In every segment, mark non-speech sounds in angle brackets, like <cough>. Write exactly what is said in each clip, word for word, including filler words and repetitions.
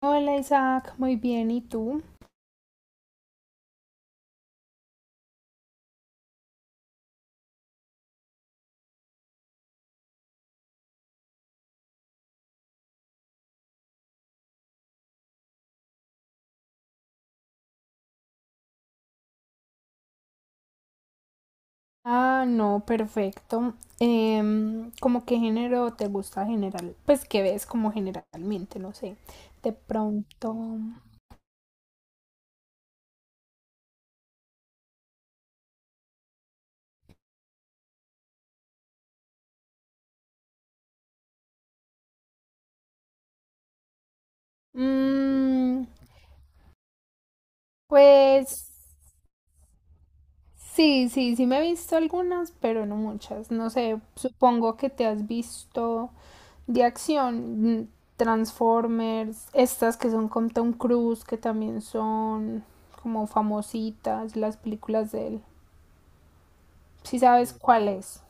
Hola Isaac, muy bien, ¿y tú? Ah, no, perfecto. Em, ¿cómo qué género te gusta general? Pues qué ves como generalmente, no sé. De pronto. mm, pues sí, sí, sí me he visto algunas, pero no muchas. No sé, supongo que te has visto de acción, mm, Transformers, estas que son con Tom Cruise, que también son como famositas, las películas de él. Si sabes cuál es.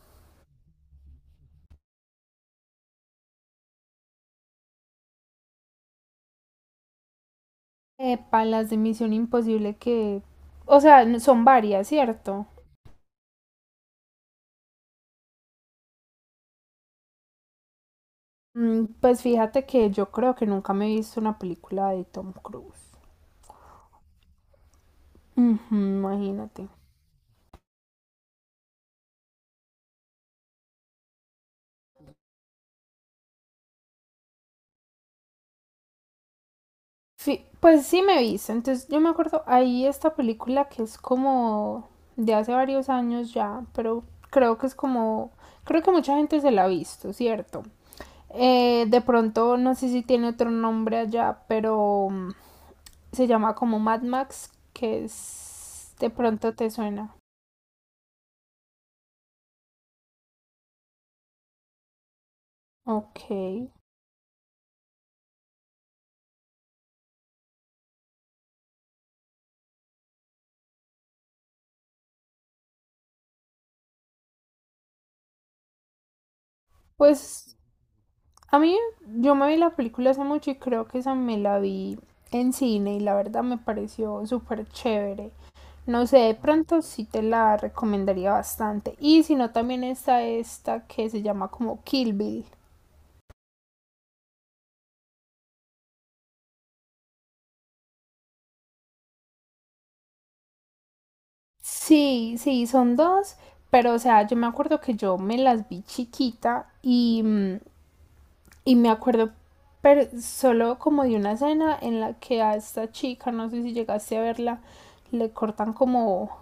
Epa, las de Misión Imposible que, o sea, son varias, ¿cierto? Mm. Pues fíjate que yo creo que nunca me he visto una película de Tom Cruise. Ujú, imagínate. Fi- pues sí me he visto. Entonces yo me acuerdo, ahí esta película que es como de hace varios años ya, pero creo que es como, creo que mucha gente se la ha visto, ¿cierto? Eh, de pronto, no sé si tiene otro nombre allá, pero mm, se llama como Mad Max, que es de pronto te suena. Ok. Pues a mí, yo me vi la película hace mucho y creo que esa me la vi en cine y la verdad me pareció súper chévere. No sé, de pronto sí te la recomendaría bastante. Y si no, también está esta que se llama como Kill Bill. Sí, sí, son dos, pero o sea, yo me acuerdo que yo me las vi chiquita y mm, Y me acuerdo, pero solo como de una escena en la que a esta chica, no sé si llegaste a verla, le cortan como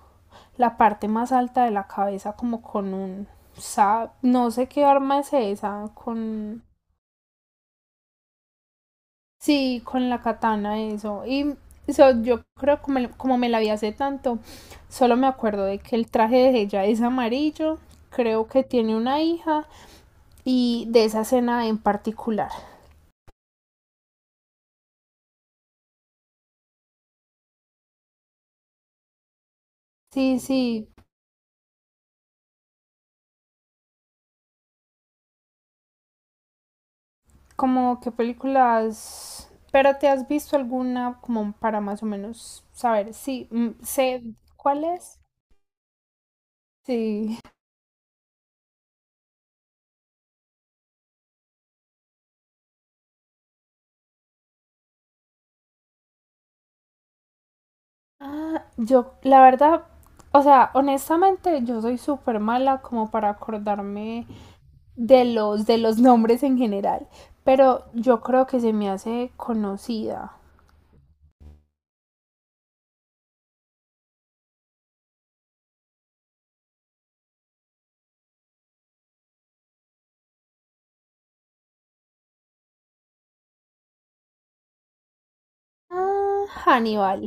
la parte más alta de la cabeza, como con un sab, no sé qué arma es esa, con sí, con la katana, eso. Y so, yo creo como, me- como me la vi hace tanto, solo me acuerdo de que el traje de ella es amarillo, creo que tiene una hija, y de esa escena en particular. Sí, sí. ¿Como qué películas, pero te has visto alguna como para más o menos saber? Sí, mm, sé cuál es. Sí. Ah, yo, la verdad, o sea, honestamente, yo soy súper mala como para acordarme de los, de los nombres en general, pero yo creo que se me hace conocida. Ah, Hannibal.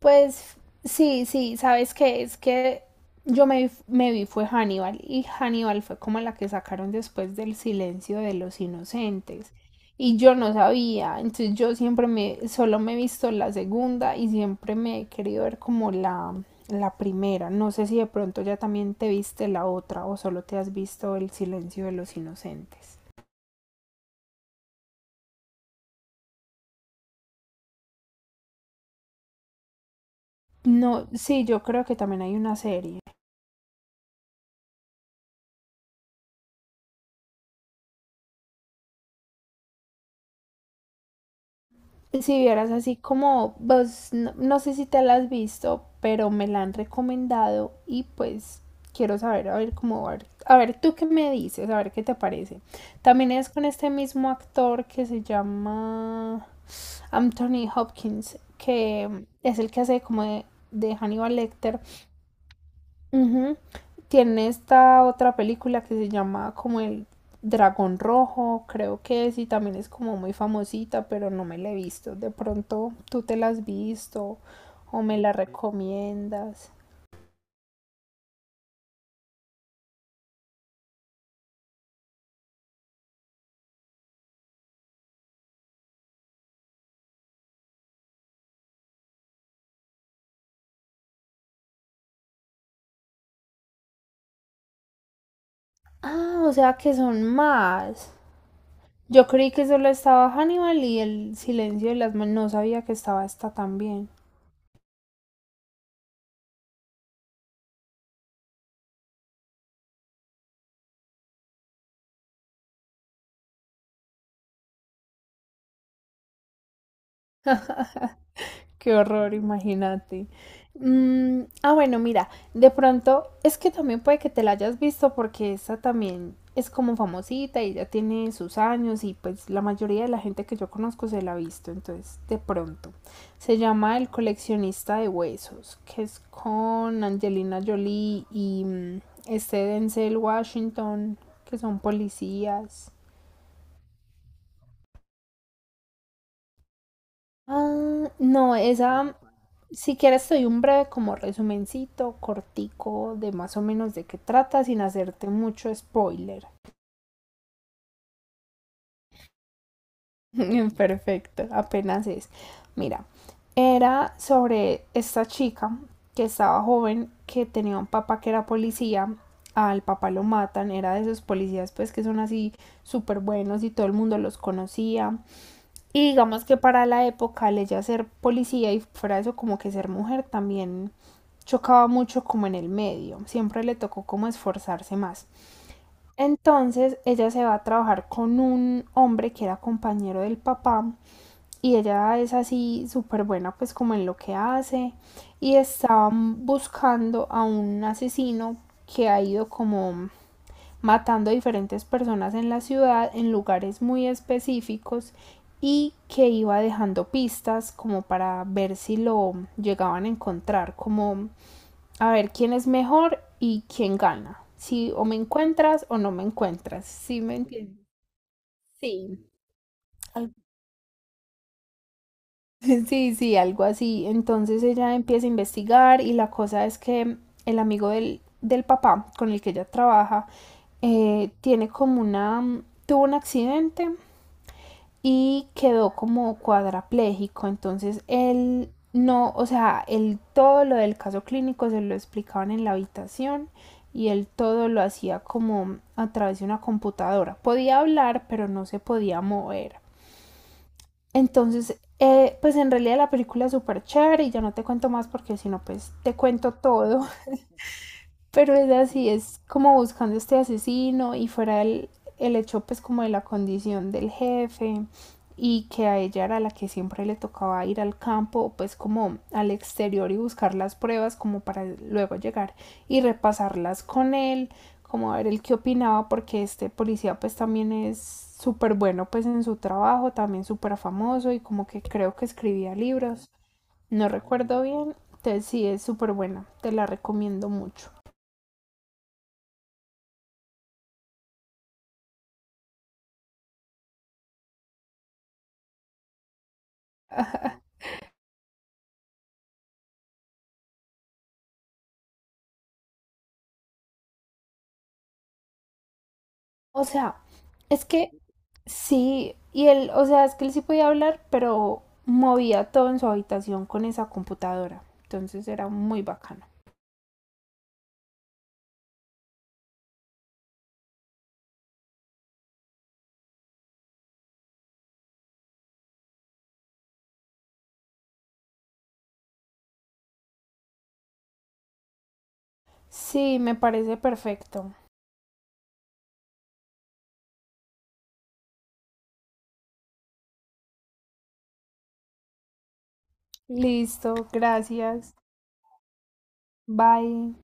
Pues sí, sí, ¿sabes que Es que yo me, vi- me vi fue Hannibal, y Hannibal fue como la que sacaron después del silencio de los inocentes y yo no sabía, entonces yo siempre me, solo me he visto la segunda y siempre me he querido ver como la, la primera. No sé si de pronto ya también te viste la otra o solo te has visto el silencio de los inocentes. No, sí, yo creo que también hay una serie. Si vieras así como, vos, no, no sé si te la has visto, pero me la han recomendado y pues quiero saber, a ver cómo, a ver, a ver tú qué me dices, a ver qué te parece. También es con este mismo actor que se llama Anthony Hopkins, que es el que hace como de, de Hannibal Lecter. Ujú. Tiene esta otra película que se llama como El Dragón Rojo, creo que es, y también es como muy famosita, pero no me la he visto. De pronto tú te la has visto o me la recomiendas. Ah, o sea que son más. Yo creí que solo estaba Hannibal y El Silencio de las Manos. No sabía que estaba esta también. Qué horror, imagínate. Mm, ah, bueno, mira, de pronto es que también puede que te la hayas visto porque esa también es como famosita y ya tiene sus años y pues la mayoría de la gente que yo conozco se la ha visto, entonces de pronto. Se llama El coleccionista de huesos, que es con Angelina Jolie y mm, este Denzel Washington, que son policías. Ah, no, esa, si quieres, soy un breve como resumencito, cortico, de más o menos de qué trata, sin hacerte mucho spoiler. <laughs> Perfecto, apenas es. Mira, era sobre esta chica que estaba joven, que tenía un papá que era policía, al papá lo matan, era de esos policías pues que son así súper buenos y todo el mundo los conocía. Y digamos que para la época, el ella ser policía y fuera eso, como que ser mujer también chocaba mucho como en el medio, siempre le tocó como esforzarse más. Entonces ella se va a trabajar con un hombre que era compañero del papá y ella es así súper buena pues como en lo que hace y estaban buscando a un asesino que ha ido como matando a diferentes personas en la ciudad en lugares muy específicos y que iba dejando pistas como para ver si lo llegaban a encontrar, como a ver quién es mejor y quién gana, si o me encuentras o no me encuentras, ¿sí me entiendes? Sí. Al- <laughs> Sí, sí, algo así. Entonces ella empieza a investigar y la cosa es que el amigo del, del papá con el que ella trabaja eh, tiene como una, tuvo un accidente y quedó como cuadraplégico. Entonces él no, o sea, él todo lo del caso clínico se lo explicaban en la habitación y él todo lo hacía como a través de una computadora. Podía hablar, pero no se podía mover. Entonces, eh, pues en realidad la película es súper chévere y ya no te cuento más porque si no, pues te cuento todo. Pero es así, es como buscando este asesino y fuera el, el hecho pues como de la condición del jefe y que a ella era la que siempre le tocaba ir al campo pues como al exterior y buscar las pruebas como para luego llegar y repasarlas con él como a ver el qué opinaba porque este policía pues también es súper bueno pues en su trabajo, también súper famoso y como que creo que escribía libros, no recuerdo bien. Entonces sí es súper buena, te la recomiendo mucho. O sea, es que sí, y él, o sea, es que él sí podía hablar, pero movía todo en su habitación con esa computadora. Entonces era muy bacano. Sí, me parece perfecto. Listo, gracias. Bye.